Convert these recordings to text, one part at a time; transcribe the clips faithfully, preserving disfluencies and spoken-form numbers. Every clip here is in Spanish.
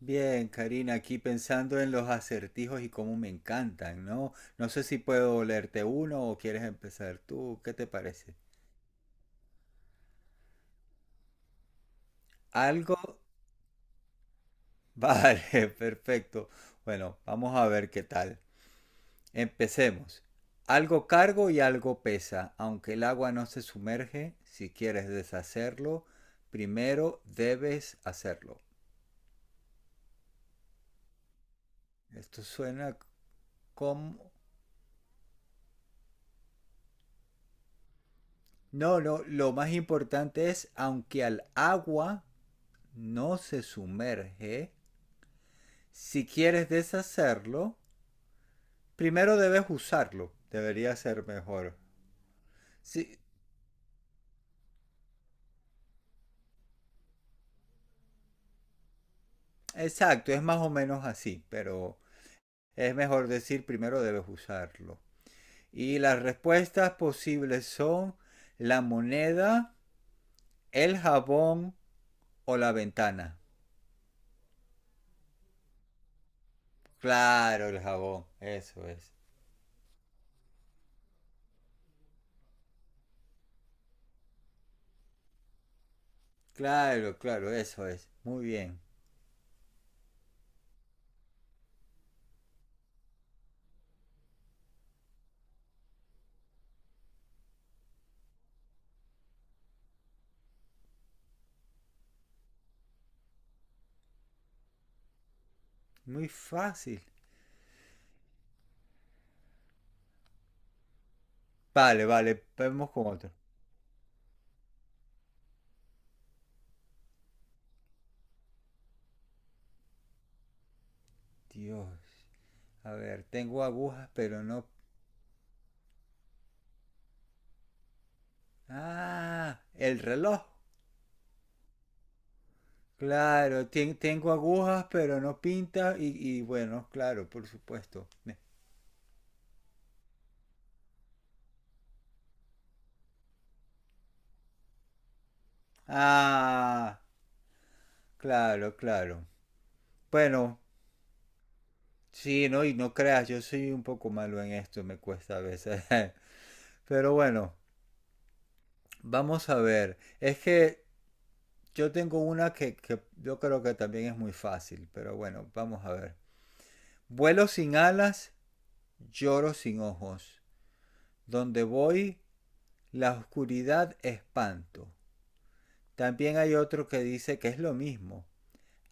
Bien, Karina, aquí pensando en los acertijos y cómo me encantan, ¿no? No sé si puedo leerte uno o quieres empezar tú, ¿qué te parece? ¿Algo? Vale, perfecto. Bueno, vamos a ver qué tal. Empecemos. Algo cargo y algo pesa, aunque el agua no se sumerge, si quieres deshacerlo, primero debes hacerlo. Esto suena como... No, no, lo más importante es, aunque al agua no se sumerge, si quieres deshacerlo, primero debes usarlo. Debería ser mejor. Sí, exacto, es más o menos así, pero es mejor decir primero debes usarlo. Y las respuestas posibles son la moneda, el jabón o la ventana. Claro, el jabón, eso es. Claro, claro, eso es. Muy bien. Muy fácil. Vale, vale, vamos con otro. Dios. A ver, tengo agujas, pero no. Ah, el reloj. Claro, ten- tengo agujas, pero no pinta. Y, y bueno, claro, por supuesto. Ah, claro, claro. Bueno, sí, no, y no creas, yo soy un poco malo en esto, me cuesta a veces. Pero bueno, vamos a ver. Es que yo tengo una que, que yo creo que también es muy fácil, pero bueno, vamos a ver. Vuelo sin alas, lloro sin ojos, donde voy la oscuridad espanto. También hay otro que dice que es lo mismo.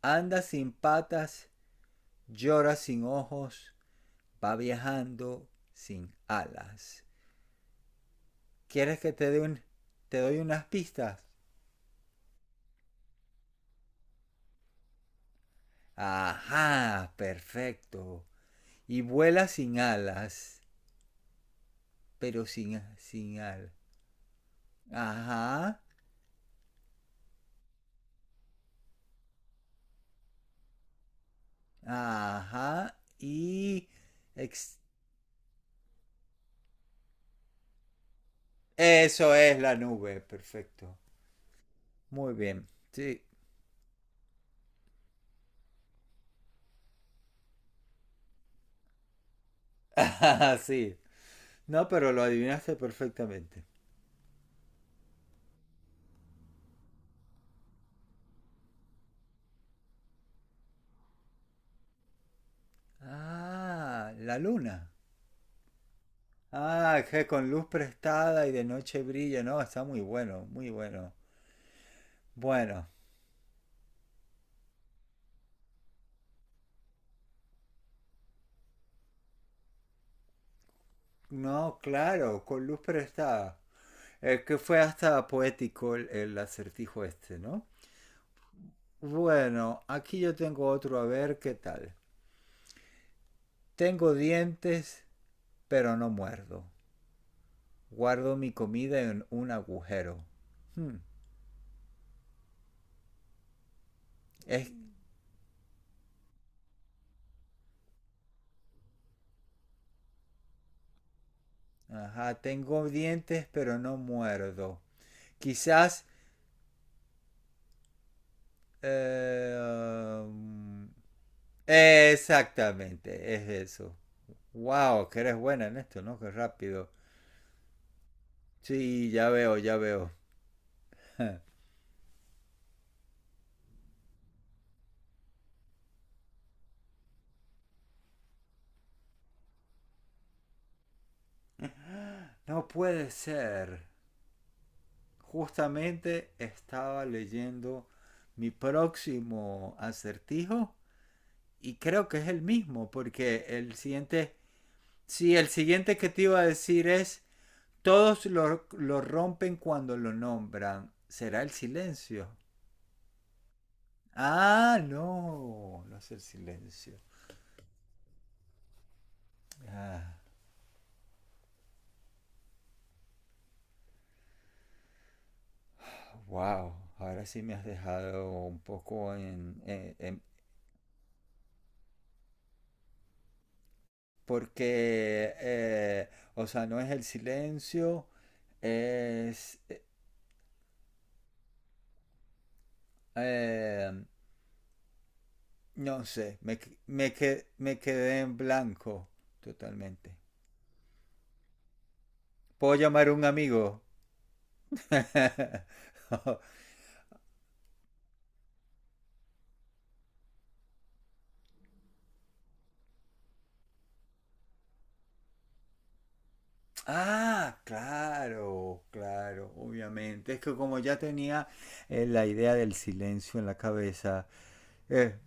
Anda sin patas, llora sin ojos, va viajando sin alas. ¿Quieres que te dé un, te doy unas pistas? Ajá, perfecto. Y vuela sin alas, pero sin, sin alas. Ajá, ajá, y... ex- Eso es la nube, perfecto. Muy bien. Sí. Ah, sí. No, pero lo adivinaste perfectamente. Ah, la luna. Ah, que con luz prestada y de noche brilla. No, está muy bueno, muy bueno. Bueno, no, claro, con luz prestada. Es que fue hasta poético el, el acertijo este, ¿no? Bueno, aquí yo tengo otro, a ver qué tal. Tengo dientes, pero no muerdo. Guardo mi comida en un agujero. Hmm, es. Ajá, tengo dientes pero no muerdo. Quizás... eh, um, exactamente, es eso. Wow, que eres buena en esto, ¿no? Qué rápido. Sí, ya veo, ya veo. No puede ser. Justamente estaba leyendo mi próximo acertijo y creo que es el mismo porque el siguiente, sí, el siguiente que te iba a decir es todos lo, lo rompen cuando lo nombran. ¿Será el silencio? Ah, no, no es el silencio. Ah, wow, ahora sí me has dejado un poco en... en- en- porque, eh, o sea, no es el silencio, es... eh, eh, no sé, me, me, que- me quedé en blanco totalmente. ¿Puedo llamar a un amigo? Oh, ah, claro, claro, obviamente. Es que como ya tenía eh, la idea del silencio en la cabeza, eh,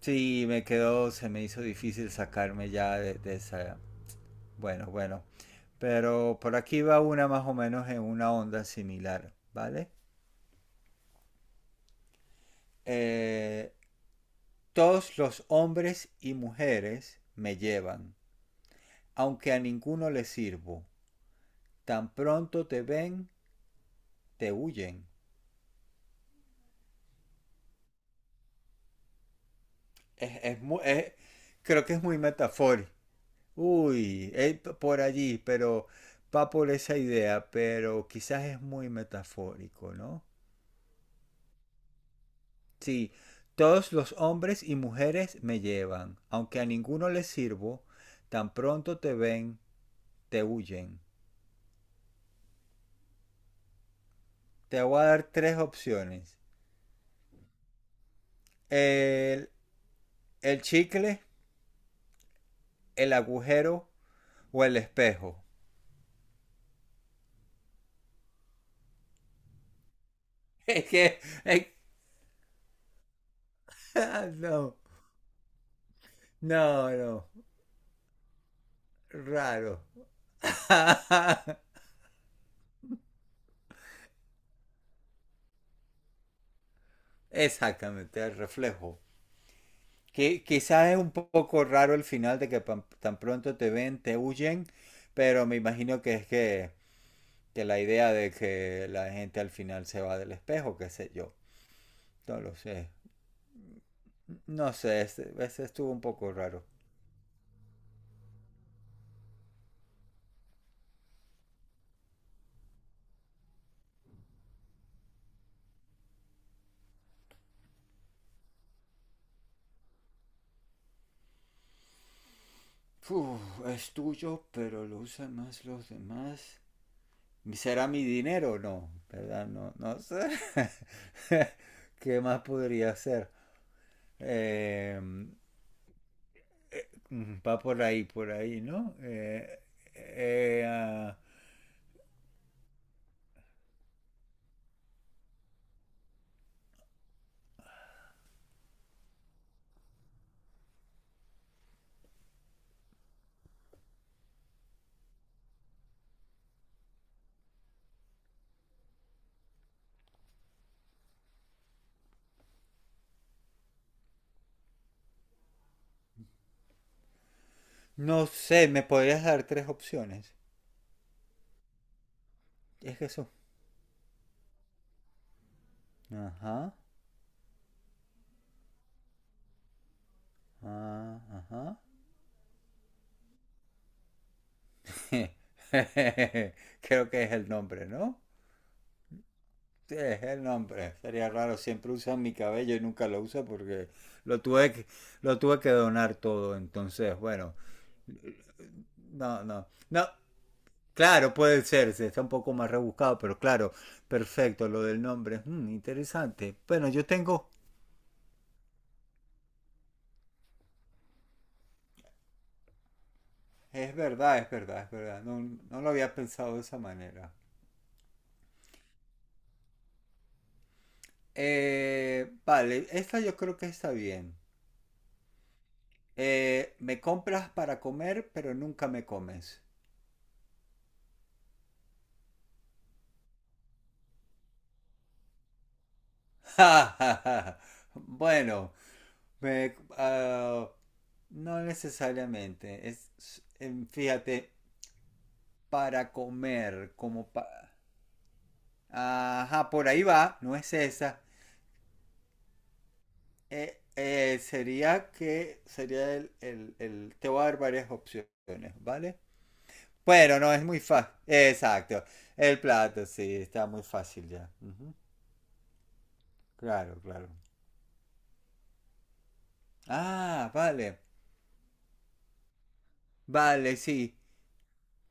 sí, me quedó, se me hizo difícil sacarme ya de, de esa... Bueno, bueno. Pero por aquí va una más o menos en una onda similar, ¿vale? Eh, todos los hombres y mujeres me llevan, aunque a ninguno les sirvo. Tan pronto te ven, te huyen. Es, es mu- es- creo que es muy metafórico. Uy, él p- por allí, pero va por esa idea, pero quizás es muy metafórico, ¿no? Sí, todos los hombres y mujeres me llevan, aunque a ninguno les sirvo, tan pronto te ven, te huyen. Te voy a dar tres opciones. El, el chicle, el agujero o el espejo. Es que... es- no, no, no. Raro. Exactamente, el reflejo. Que quizás es un poco raro el final de que pan- tan pronto te ven, te huyen, pero me imagino que es que, que la idea de que la gente al final se va del espejo, qué sé yo. No lo sé. No sé, ese, ese estuvo un poco raro. Uf, es tuyo, pero lo usan más los demás. ¿Será mi dinero? No, ¿verdad? No, no sé. ¿Qué más podría ser? Eh, Mm, Va por ahí, por ahí, ¿no? Eh, eh, ah, no sé, ¿me podrías dar tres opciones? Es que eso. Ajá, ah, ajá. Creo que es el nombre, ¿no? Sí, es el nombre. Sería raro, siempre usan mi cabello y nunca lo usa porque lo tuve que, lo tuve que donar todo, entonces, bueno. No, no. No, claro, puede ser, se está un poco más rebuscado, pero claro, perfecto, lo del nombre. Mm, interesante. Bueno, yo tengo. Es verdad, es verdad, es verdad. No, no lo había pensado de esa manera. Eh, vale, esta yo creo que está bien. Eh, me compras para comer, pero nunca me comes. Ja, ja, ja. Bueno, me- ah, no necesariamente. Es, em, fíjate, para comer, como pa- Ajá, por ahí va, no es esa. Eh, eh, sería que sería el, el, el- te voy a dar varias opciones, ¿vale? Bueno, no es muy fácil. Exacto. El plato, sí, está muy fácil ya. Ujú. Claro, claro. Ah, vale. Vale, sí.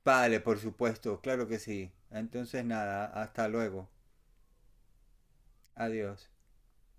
Vale, por supuesto, claro que sí. Entonces nada, hasta luego. Adiós.